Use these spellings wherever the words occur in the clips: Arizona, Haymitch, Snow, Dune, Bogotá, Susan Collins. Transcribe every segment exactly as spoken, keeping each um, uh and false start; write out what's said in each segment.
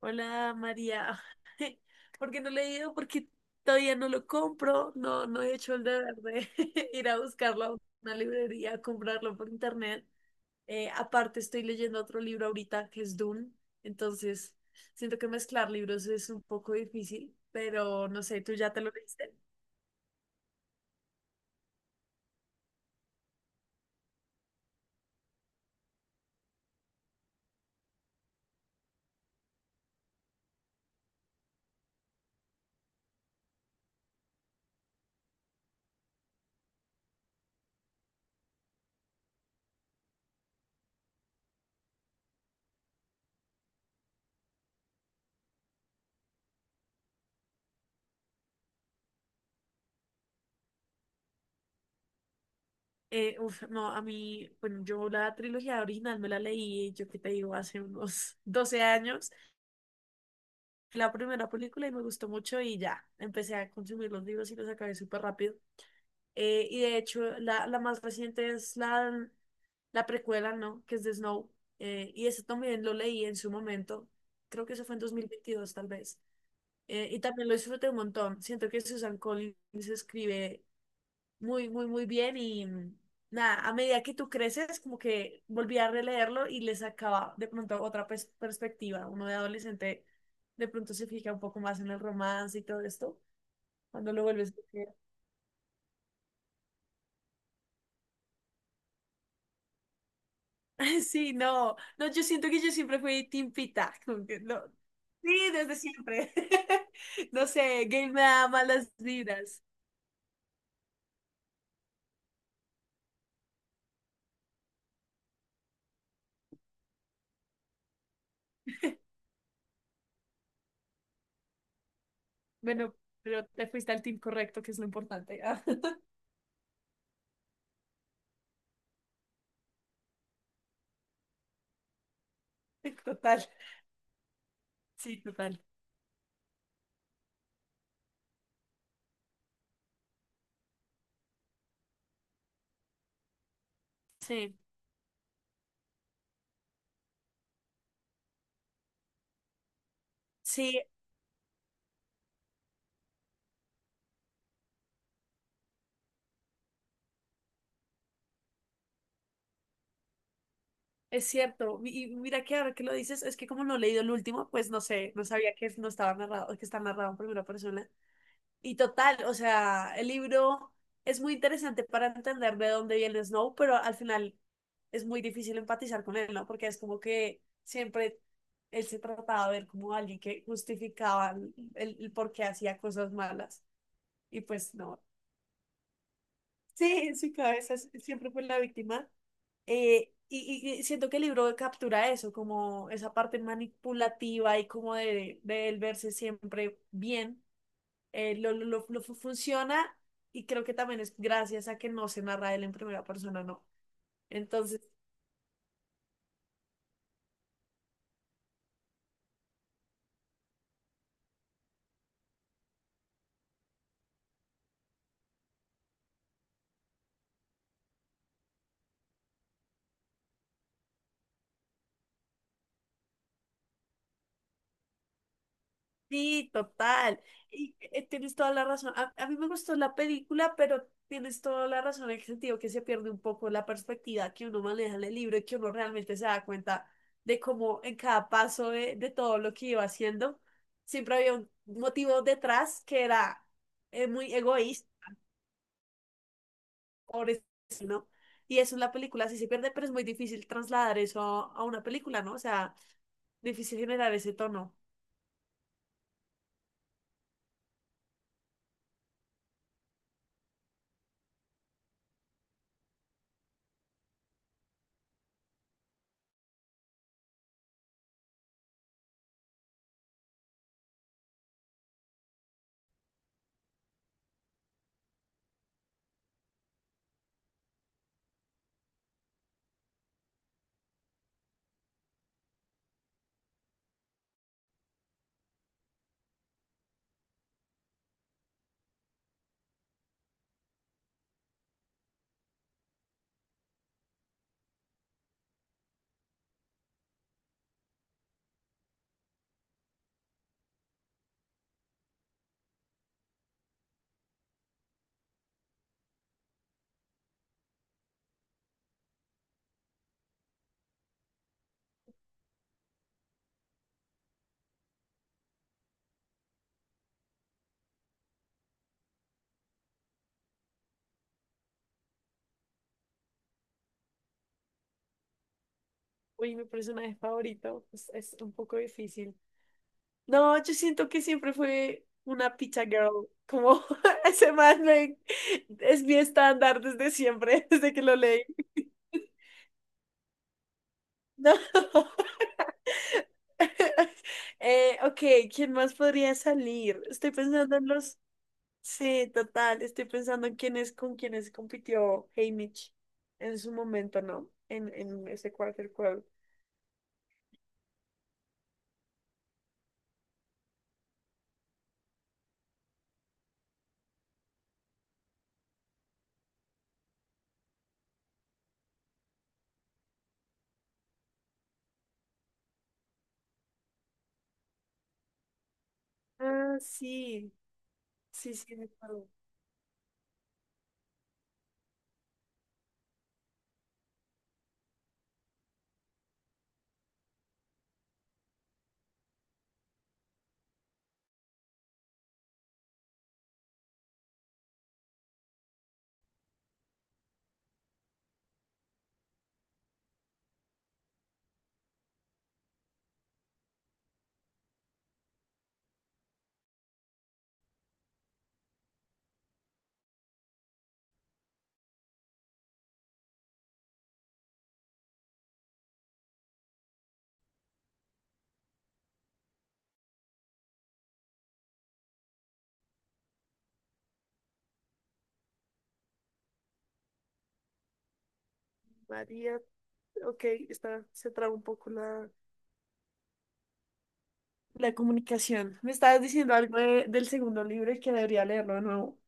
Hola María, ¿por qué no le he ido? Porque todavía no lo compro, no, no he hecho el deber de ir a buscarlo a una librería, a comprarlo por internet. Eh, aparte estoy leyendo otro libro ahorita que es Dune, entonces siento que mezclar libros es un poco difícil, pero no sé, ¿tú ya te lo leíste? Eh, uf, no, a mí, bueno, yo la trilogía original me la leí, yo qué te digo, hace unos doce años la primera película y me gustó mucho y ya, empecé a consumir los libros y los acabé súper rápido. Eh, y de hecho, la, la más reciente es la, la precuela, ¿no? Que es de Snow. Eh, y ese también lo leí en su momento. Creo que eso fue en dos mil veintidós, tal vez. Eh, y también lo disfruté un montón. Siento que Susan Collins escribe muy, muy, muy bien y mm, nada, a medida que tú creces, como que volví a releerlo y le sacaba de pronto otra pers- perspectiva. Uno de adolescente de pronto se fija un poco más en el romance y todo esto, cuando lo vuelves a leer. Sí, no, no, yo siento que yo siempre fui timpita, como que no. Sí, desde siempre. No sé, Gay me da malas vibras. Bueno, pero te fuiste al team correcto, que es lo importante. Total. Sí, total. Sí. Sí, es cierto, y y mira que ahora que lo dices, es que como no he leído el último, pues no sé, no sabía que no estaba narrado, que está narrado en primera persona. Y total, o sea, el libro es muy interesante para entender de dónde viene Snow, pero al final es muy difícil empatizar con él, ¿no? Porque es como que siempre él se trataba de ver como alguien que justificaba el, el por qué hacía cosas malas. Y pues no, sí, en su cabeza siempre fue la víctima. Eh, y, y- y siento que el libro captura eso, como esa parte manipulativa y como de, de él verse siempre bien, eh, lo, lo, lo- lo fu- funciona y creo que también es gracias a que no se narra él en primera persona, ¿no? Entonces sí, total. Y eh, tienes toda la razón. A, a mí me gustó la película, pero tienes toda la razón en el sentido que se pierde un poco la perspectiva que uno maneja en el libro y que uno realmente se da cuenta de cómo en cada paso de, de todo lo que iba haciendo, siempre había un motivo detrás que era eh, muy egoísta, pobre, ¿no? Y eso en la película sí se pierde, pero es muy difícil trasladar eso a, a una película, ¿no? O sea, difícil generar ese tono. Uy, mi personaje favorito pues, es un poco difícil. No, yo siento que siempre fue una pizza girl. Como ese man me- es mi estándar desde siempre, desde que lo leí. No. Eh, ok, ¿quién más podría salir? Estoy pensando en los... Sí, total, estoy pensando en quiénes con quiénes compitió Haymitch en su momento, ¿no? En, en ese quarter quo. Ah, sí, sí, sí, recuerdo. María, ok, está, se traba un poco la, la comunicación. Me estabas diciendo algo de- del segundo libro y que debería leerlo de nuevo.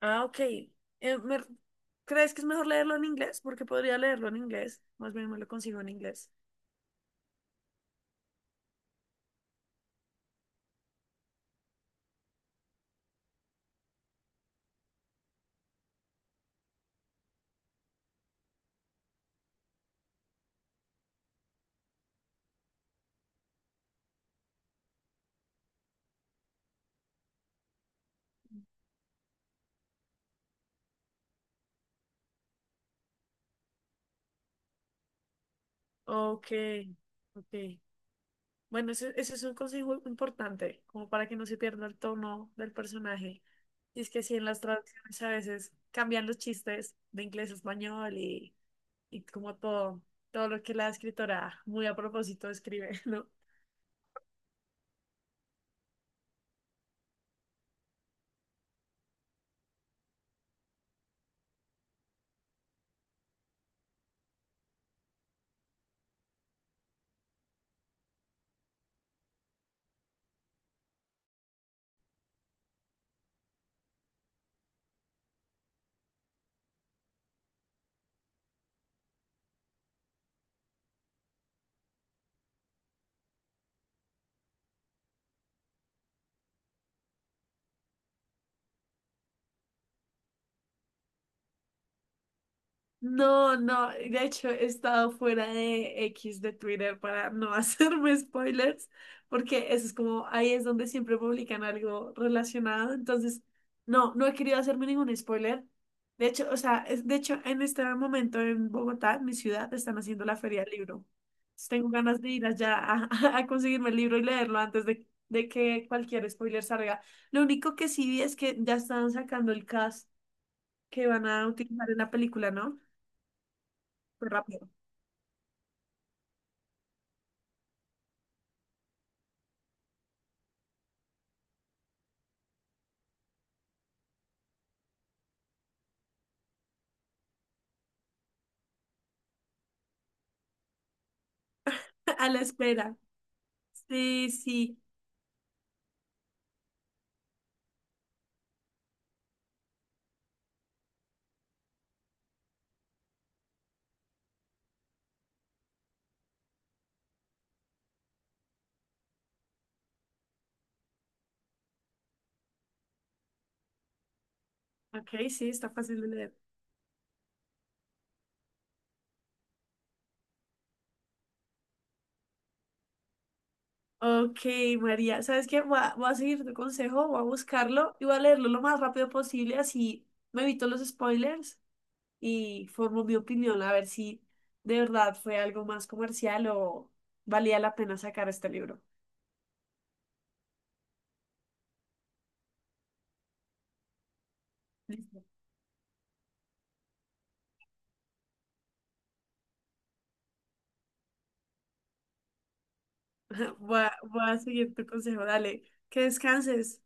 Ah, ok. Eh, me- ¿crees que es mejor leerlo en inglés? Porque podría leerlo en inglés. Más bien me lo consigo en inglés. Ok, ok. Bueno, ese, ese es un consejo importante, como para que no se pierda el tono del personaje. Y es que sí, en las traducciones a veces cambian los chistes de inglés a español y, y como todo, todo lo que la escritora muy a propósito escribe, ¿no? No, no, de hecho he estado fuera de X de Twitter para no hacerme spoilers, porque eso es como, ahí es donde siempre publican algo relacionado, entonces no, no he querido hacerme ningún spoiler. De hecho, o sea, es- de hecho en este momento en Bogotá, en mi ciudad, están haciendo la feria del libro. Entonces, tengo ganas de ir allá a, a conseguirme el libro y leerlo antes de, de que cualquier spoiler salga. Lo único que sí vi es que ya están sacando el cast que van a utilizar en la película, ¿no? Fue rápido. A la espera. Sí, sí. Ok, sí, está fácil de leer. Ok, María, ¿sabes qué? Voy a, voy a seguir tu consejo, voy a buscarlo y voy a leerlo lo más rápido posible, así me evito los spoilers y formo mi opinión a ver si de verdad fue algo más comercial o valía la pena sacar este libro. Listo. Voy a, voy a seguir tu consejo, dale, que descanses.